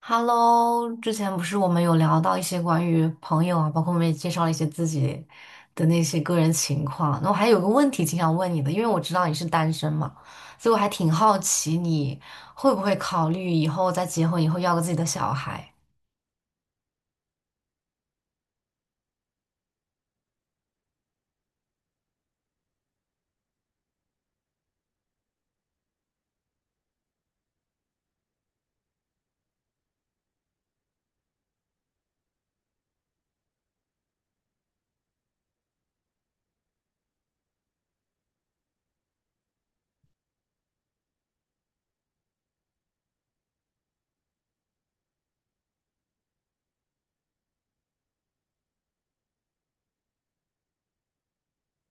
Hello，之前不是我们有聊到一些关于朋友啊，包括我们也介绍了一些自己的那些个人情况。那我还有个问题挺想问你的，因为我知道你是单身嘛，所以我还挺好奇你会不会考虑以后在结婚以后要个自己的小孩。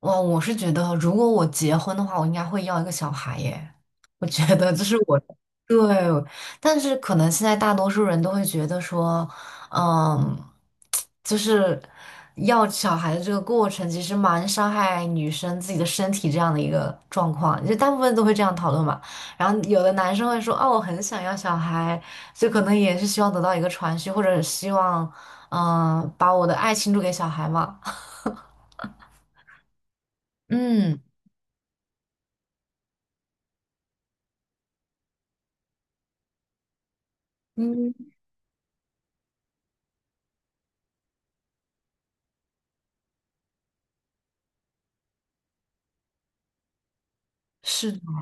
哇，我是觉得，如果我结婚的话，我应该会要一个小孩耶。我觉得这是我对，但是可能现在大多数人都会觉得说，嗯，就是要小孩的这个过程其实蛮伤害女生自己的身体这样的一个状况，就大部分都会这样讨论嘛。然后有的男生会说，哦，我很想要小孩，就可能也是希望得到一个传续，或者希望，嗯，把我的爱倾注给小孩嘛。嗯。嗯，是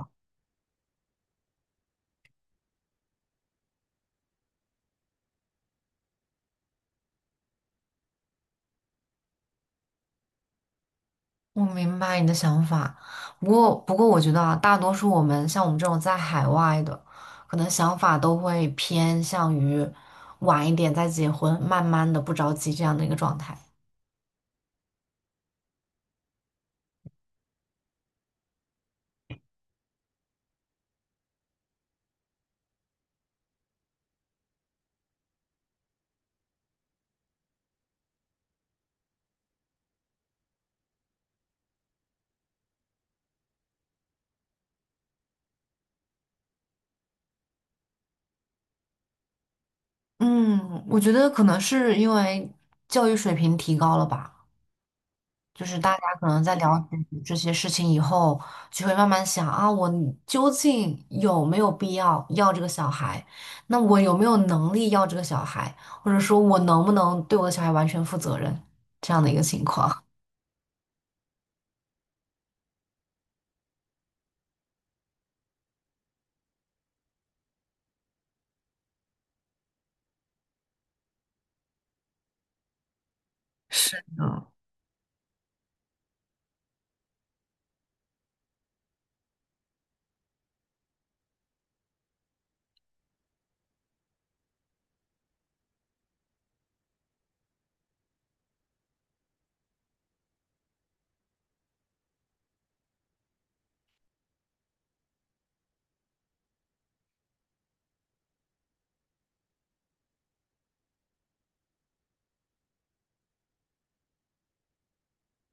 我明白你的想法，不过我觉得啊，大多数我们像我们这种在海外的，可能想法都会偏向于晚一点再结婚，慢慢的不着急这样的一个状态。嗯，我觉得可能是因为教育水平提高了吧。就是大家可能在了解这些事情以后，就会慢慢想啊，我究竟有没有必要要这个小孩？那我有没有能力要这个小孩？或者说我能不能对我的小孩完全负责任？这样的一个情况。是的，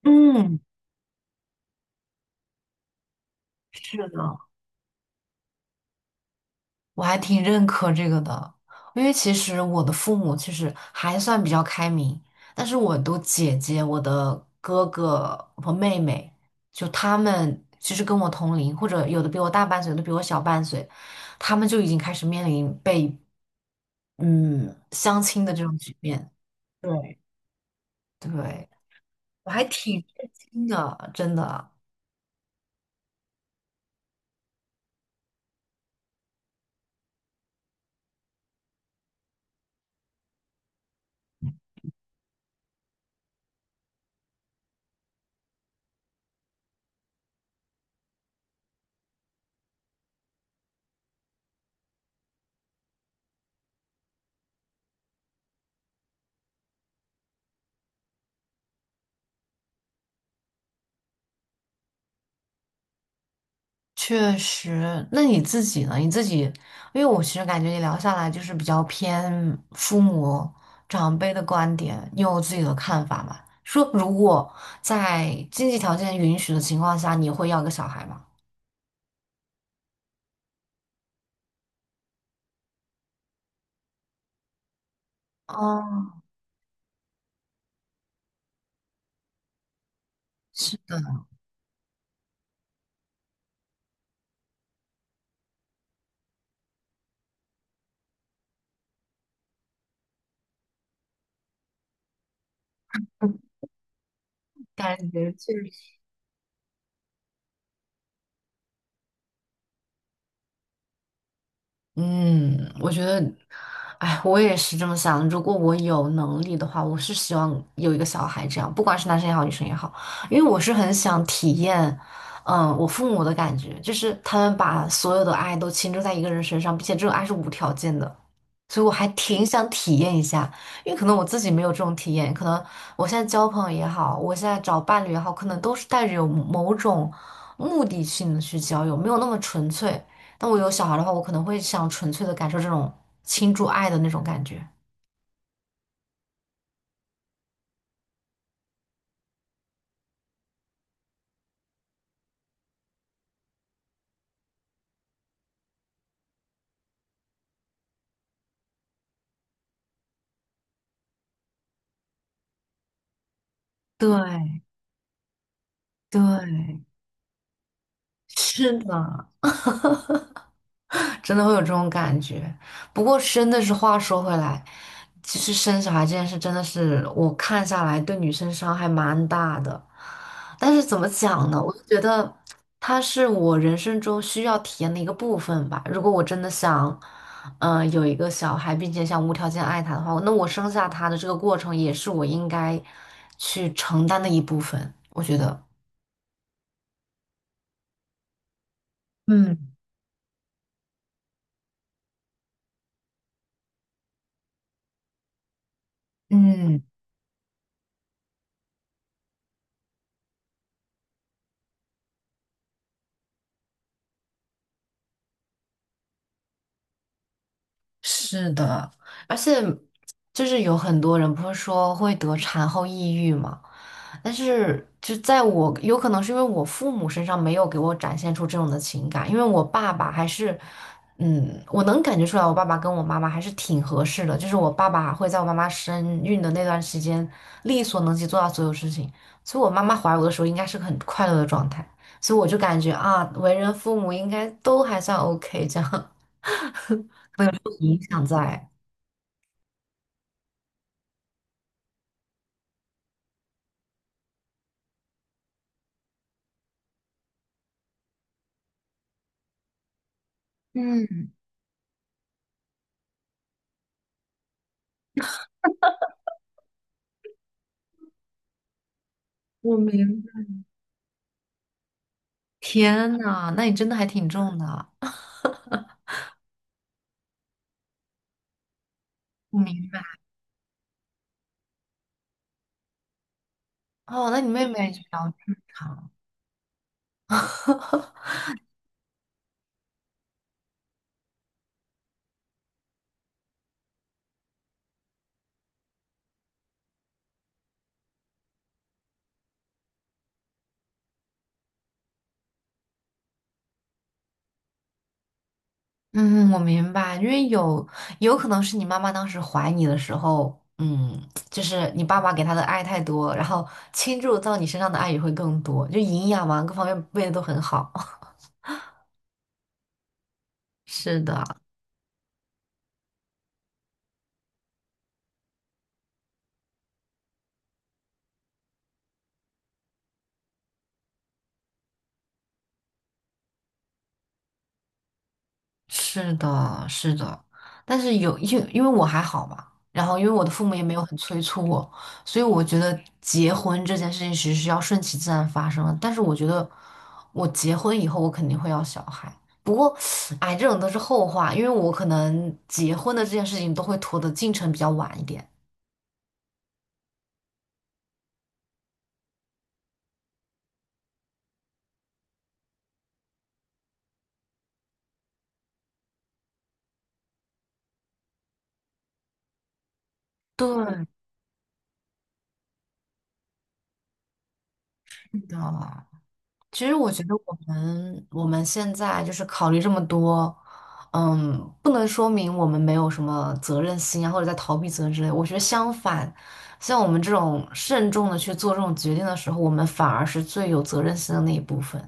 嗯，是的。我还挺认可这个的，因为其实我的父母其实还算比较开明，但是我的姐姐、我的哥哥和妹妹，就他们其实跟我同龄，或者有的比我大半岁，有的比我小半岁，他们就已经开始面临被嗯相亲的这种局面。对，对，我还挺震惊的，真的。确实，那你自己呢？你自己，因为我其实感觉你聊下来就是比较偏父母长辈的观点，你有自己的看法吗？说如果在经济条件允许的情况下，你会要个小孩吗？哦，是的，感觉确实。嗯，我觉得，哎，我也是这么想。如果我有能力的话，我是希望有一个小孩这样，不管是男生也好，女生也好，因为我是很想体验，嗯，我父母的感觉，就是他们把所有的爱都倾注在一个人身上，并且这种爱是无条件的，所以我还挺想体验一下，因为可能我自己没有这种体验，可能我现在找伴侣也好，可能都是带着有某种目的性的去交友，没有那么纯粹。但我有小孩的话，我可能会想纯粹的感受这种倾注爱的那种感觉。对对，是的，真的会有这种感觉。不过真的是话说回来，其实生小孩这件事真的是我看下来对女生伤害蛮大的。但是怎么讲呢？我就觉得它是我人生中需要体验的一个部分吧。如果我真的想，有一个小孩，并且想无条件爱他的话，那我生下他的这个过程也是我应该去承担的一部分。我觉得，嗯嗯。是的，而且就是有很多人不是说会得产后抑郁嘛，但是就在我可能是因为我父母身上没有给我展现出这种的情感，因为我爸爸还是，嗯，我能感觉出来我爸爸跟我妈妈还是挺合适的，就是我爸爸会在我妈妈身孕的那段时间力所能及做到所有事情，所以我妈妈怀我的时候应该是个很快乐的状态，所以我就感觉啊，为人父母应该都还算 OK 这样，有影响在。我明白，天呐，那你真的还挺重的。我明白。哦，那你妹妹比较正常。嗯，我明白，因为有可能是你妈妈当时怀你的时候，嗯，就是你爸爸给她的爱太多，然后倾注到你身上的爱也会更多，就营养嘛，各方面喂的都很好。是的，是的，是的，但是有因为我还好嘛，然后因为我的父母也没有很催促我，所以我觉得结婚这件事情其实是要顺其自然发生的。但是我觉得我结婚以后，我肯定会要小孩。不过，哎，这种都是后话，因为我可能结婚的这件事情都会拖的进程比较晚一点。对是的，其实我觉得我们现在就是考虑这么多，嗯，不能说明我们没有什么责任心啊，或者在逃避责任之类。我觉得相反，像我们这种慎重的去做这种决定的时候，我们反而是最有责任心的那一部分。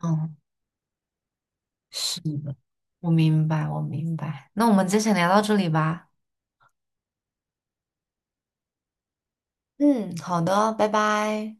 嗯，是的，我明白，我明白。那我们今天先聊到这里吧。嗯，好的，拜拜。